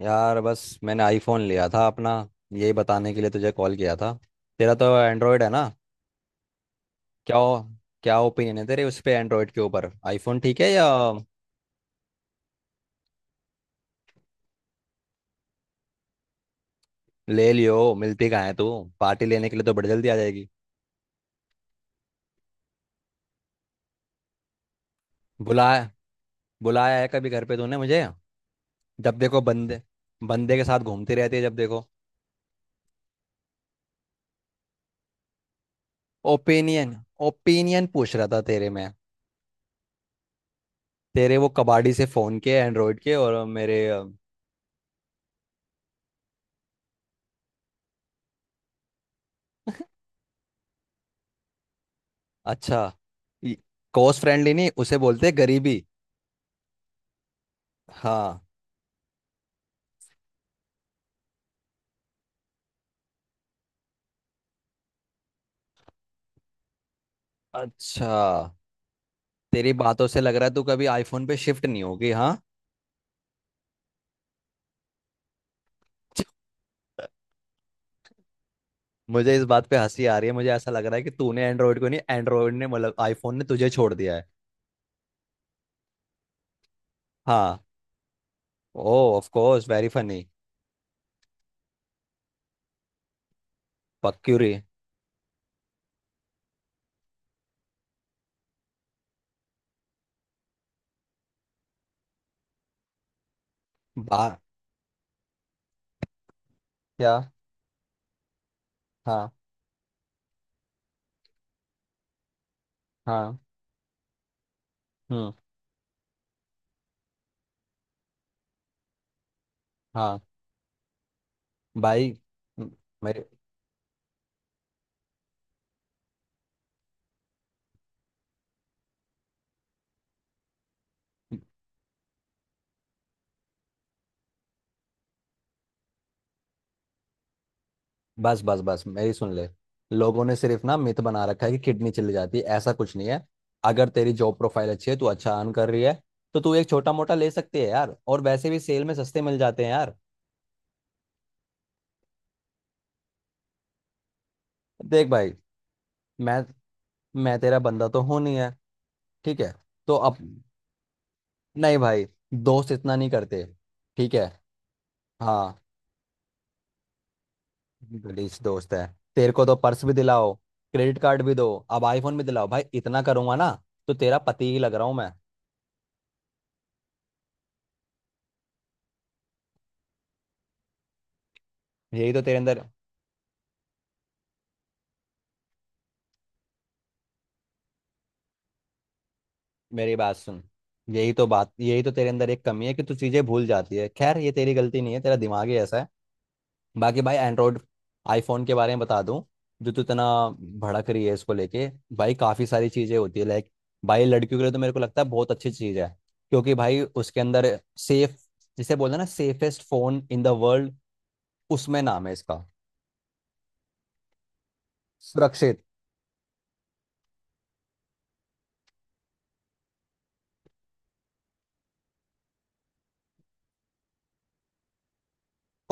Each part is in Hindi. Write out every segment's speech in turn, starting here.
यार बस मैंने आईफोन लिया था अपना। यही बताने के लिए तुझे कॉल किया था। तेरा तो एंड्रॉयड है ना। क्या ओ, क्या ओपिनियन है तेरे उस पे, एंड्रॉयड के ऊपर आईफोन ठीक है या ले लियो। मिलती कहाँ है तू? पार्टी लेने के लिए तो बड़ी जल्दी आ जाएगी। बुलाया, बुलाया है कभी घर पे तूने मुझे? जब देखो बंदे, बंदे के साथ घूमती रहती है जब देखो। ओपिनियन, ओपिनियन पूछ रहा था तेरे में, तेरे वो कबाड़ी से फोन के एंड्रॉयड के और मेरे अच्छा। कोस्ट फ्रेंडली नहीं, उसे बोलते हैं गरीबी। हाँ। अच्छा, तेरी बातों से लग रहा है तू कभी आईफोन पे शिफ्ट नहीं होगी, हाँ। मुझे इस बात पे हंसी आ रही है, मुझे ऐसा लग रहा है कि तूने एंड्रॉइड को नहीं, एंड्रॉइड ने मतलब आईफोन ने तुझे छोड़ दिया है। हाँ। Oh, of course very funny. पक्यूरी। बा क्या? हाँ। हाँ। हम्म। हाँ भाई। म- मेरे, बस बस बस मेरी सुन ले। लोगों ने सिर्फ ना मिथ बना रखा है कि किडनी चली जाती है, ऐसा कुछ नहीं है। अगर तेरी जॉब प्रोफाइल अच्छी है, तू अच्छा अर्न कर रही है, तो तू एक छोटा मोटा ले सकती है यार। और वैसे भी सेल में सस्ते मिल जाते हैं यार। देख भाई, मैं मैं तेरा बंदा तो हूं नहीं है, ठीक है? तो अब नहीं भाई, दोस्त इतना नहीं करते, ठीक है। हाँ, गलीस दोस्त है। तेरे को तो पर्स भी दिलाओ, क्रेडिट कार्ड भी दो, अब आईफोन भी दिलाओ भाई। इतना करूंगा ना तो तेरा पति ही लग रहा हूं मैं। यही तो तेरे अंदर, मेरी बात सुन, यही तो बात, यही तो तेरे अंदर एक कमी है कि तू चीजें भूल जाती है। खैर ये तेरी गलती नहीं है, तेरा दिमाग ही ऐसा है। बाकी भाई एंड्रॉयड, आईफोन के बारे में बता दूं, जो तू इतना भड़क रही है इसको लेके। भाई काफी सारी चीजें होती है, लाइक, भाई लड़कियों के लिए तो मेरे को लगता है बहुत अच्छी चीज है। क्योंकि भाई उसके अंदर सेफ, जिसे बोलते हैं ना, safest phone in the world, उसमें नाम है इसका, सुरक्षित।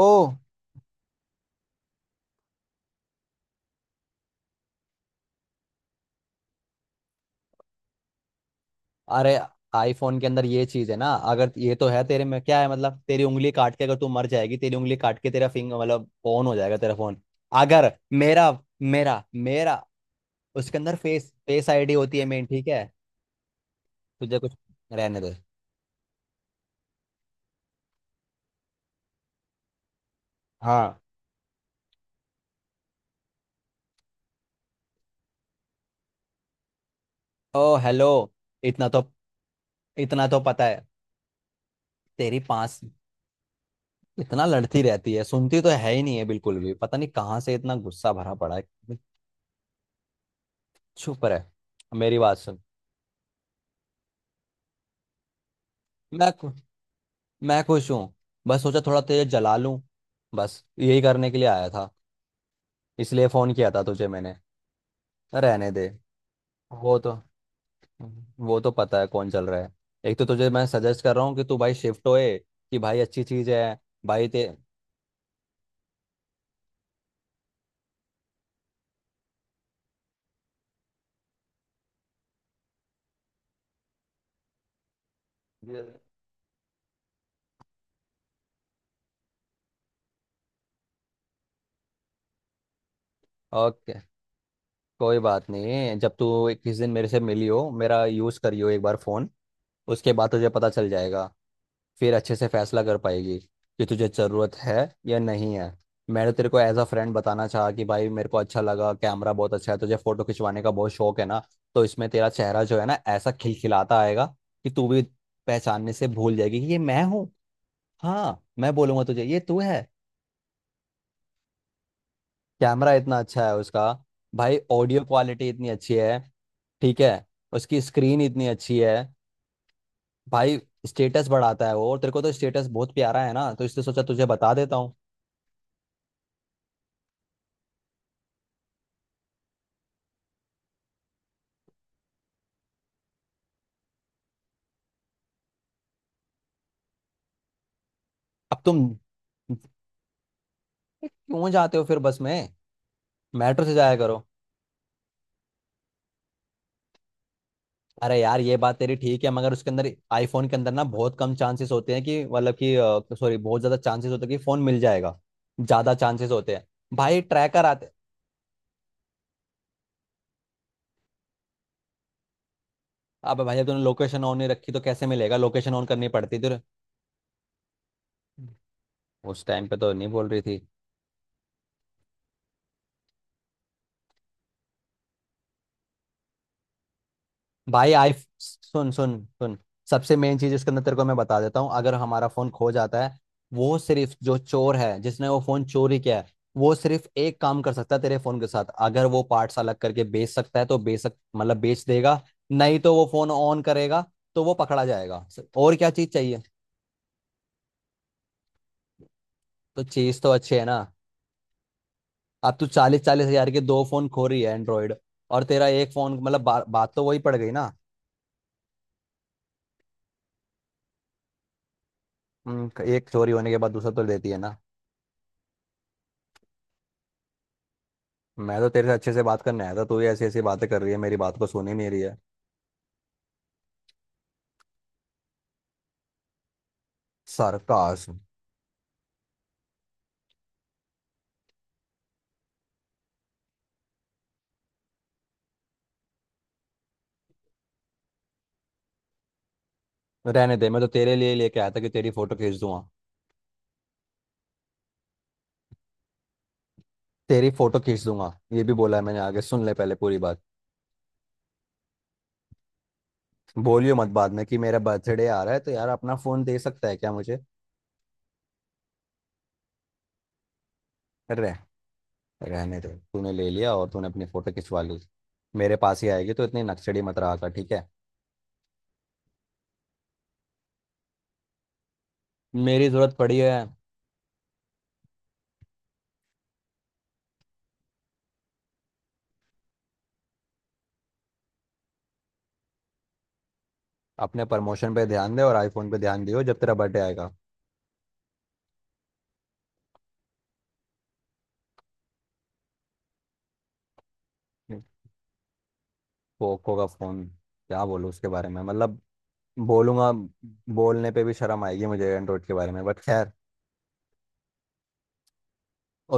ओ, अरे आईफोन के अंदर ये चीज है ना, अगर ये तो है, तेरे में क्या है मतलब? तेरी उंगली काट के, अगर तू मर जाएगी, तेरी उंगली काट के तेरा फिंगर मतलब ऑन हो जाएगा तेरा फोन? अगर मेरा मेरा मेरा उसके अंदर फेस फेस आईडी होती है मेन, ठीक है। तुझे कुछ, रहने दे। हाँ। ओ हेलो, इतना तो, इतना तो पता है। तेरी पास इतना लड़ती रहती है, सुनती तो है ही नहीं है बिल्कुल भी। पता नहीं कहाँ से इतना गुस्सा भरा पड़ा है। चुप रहे, मेरी बात सुन। मैं मैं खुश हूँ। बस सोचा थोड़ा तेज जला लूं, बस यही करने के लिए आया था, इसलिए फोन किया था तुझे मैंने। रहने दे। वो तो वो तो पता है कौन चल रहा है। एक तो तुझे मैं सजेस्ट कर रहा हूँ कि तू भाई शिफ्ट होए, कि भाई अच्छी चीज़ है भाई ते। ओके, कोई बात नहीं, जब तू किसी दिन मेरे से मिली हो, मेरा यूज़ करियो एक बार फ़ोन, उसके बाद तुझे पता चल जाएगा। फिर अच्छे से फैसला कर पाएगी कि तुझे ज़रूरत है या नहीं है। मैंने तेरे को एज अ फ्रेंड बताना चाहा कि भाई मेरे को अच्छा लगा, कैमरा बहुत अच्छा है, तुझे फोटो खिंचवाने का बहुत शौक है ना, तो इसमें तेरा चेहरा जो है ना ऐसा खिलखिलाता आएगा कि तू भी पहचानने से भूल जाएगी कि ये मैं हूँ। हाँ, मैं बोलूंगा तुझे ये तू है, कैमरा इतना अच्छा है उसका। भाई ऑडियो क्वालिटी इतनी अच्छी है, ठीक है, उसकी स्क्रीन इतनी अच्छी है भाई। स्टेटस बढ़ाता है वो, और तेरे को तो स्टेटस बहुत प्यारा है ना, तो इसलिए सोचा तुझे बता देता हूँ। अब तुम क्यों जाते हो फिर बस में? मेट्रो से जाया करो। अरे यार ये बात तेरी ठीक है, मगर उसके अंदर, आईफोन के अंदर ना बहुत कम चांसेस होते हैं कि मतलब कि, सॉरी, बहुत ज्यादा चांसेस होते हैं कि फोन मिल जाएगा, ज्यादा चांसेस होते हैं। भाई ट्रैकर आते। अबे भाई जब तूने लोकेशन ऑन नहीं रखी तो कैसे मिलेगा, लोकेशन ऑन करनी पड़ती थी। उस टाइम पे तो नहीं बोल रही थी। भाई आई, सुन सुन सुन, सबसे मेन चीज इसके अंदर तेरे को मैं बता देता हूँ। अगर हमारा फोन खो जाता है, वो सिर्फ जो चोर है, जिसने वो फोन चोरी किया है, वो सिर्फ एक काम कर सकता है तेरे फोन के साथ। अगर वो पार्ट्स अलग करके बेच सकता है तो बेच सक, मतलब बेच देगा। नहीं तो वो फोन ऑन करेगा, तो वो पकड़ा जाएगा। और क्या चीज चाहिए, तो चीज तो अच्छी है ना। अब तू 40-40 हज़ार के दो फोन खो रही है एंड्रॉयड, और तेरा एक फोन मतलब बात तो वही पड़ गई ना। एक चोरी होने के बाद दूसरा तो लेती है ना। मैं तो तेरे से अच्छे से बात करने आया था, तू ही ऐसी ऐसी बातें कर रही है, मेरी बात को सुन ही नहीं रही है। सार्कास्म, रहने दे। मैं तो तेरे लिए लेके आया था कि तेरी फोटो खींच दूंगा, तेरी फोटो खींच दूंगा, ये भी बोला है मैंने, आगे सुन ले पहले पूरी बात। बोलियो मत बाद में कि मेरा बर्थडे आ रहा है तो यार अपना फोन दे सकता है क्या मुझे। रह रहने दे, तूने ले लिया और तूने अपनी फोटो खिंचवा ली, मेरे पास ही आएगी। तो इतनी नक्सड़ी मत रहा कर, ठीक है? मेरी जरूरत पड़ी है। अपने प्रमोशन पे ध्यान दे, और आईफोन पे ध्यान दियो जब तेरा बर्थडे आएगा। पोको का फोन, क्या बोलूं उसके बारे में, मतलब बोलूंगा, बोलने पे भी शर्म आएगी मुझे एंड्रॉइड के बारे में, बट खैर,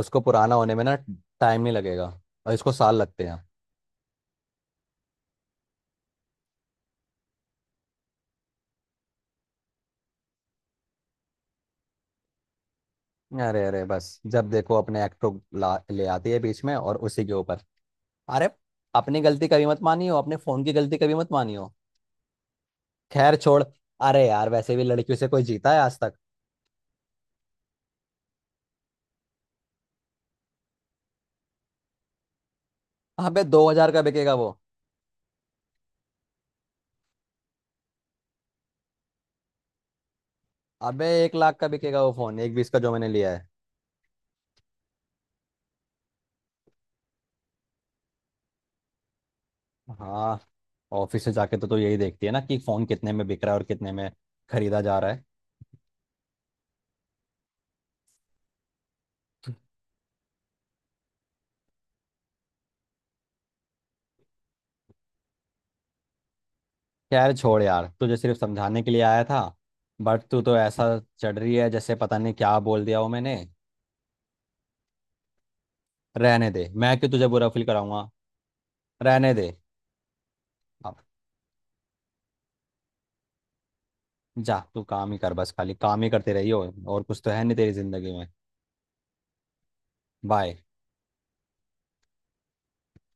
उसको पुराना होने में ना टाइम नहीं लगेगा। और इसको साल लगते हैं। अरे अरे बस, जब देखो अपने एक्ट को ला, ले आती है बीच में और उसी के ऊपर, अरे, अपनी गलती कभी मत मानियो, अपने फोन की गलती कभी मत मानियो। खैर छोड़, अरे यार वैसे भी लड़कियों से कोई जीता है आज तक। अबे 2 हज़ार का बिकेगा वो। अबे 1 लाख का बिकेगा वो फोन, 1,20,000 का जो मैंने लिया है। हाँ। ऑफिस से जाके तो तू यही देखती है ना कि फोन कितने में बिक रहा है और कितने में खरीदा जा रहा है। यार छोड़ यार, तुझे सिर्फ समझाने के लिए आया था, बट तू तो ऐसा चढ़ रही है जैसे पता नहीं क्या बोल दिया हो मैंने। रहने दे, मैं क्यों तुझे बुरा फील कराऊंगा। रहने दे। अब जा तू काम ही कर, बस खाली काम ही करते रही हो, और कुछ तो है नहीं तेरी जिंदगी में। बाय।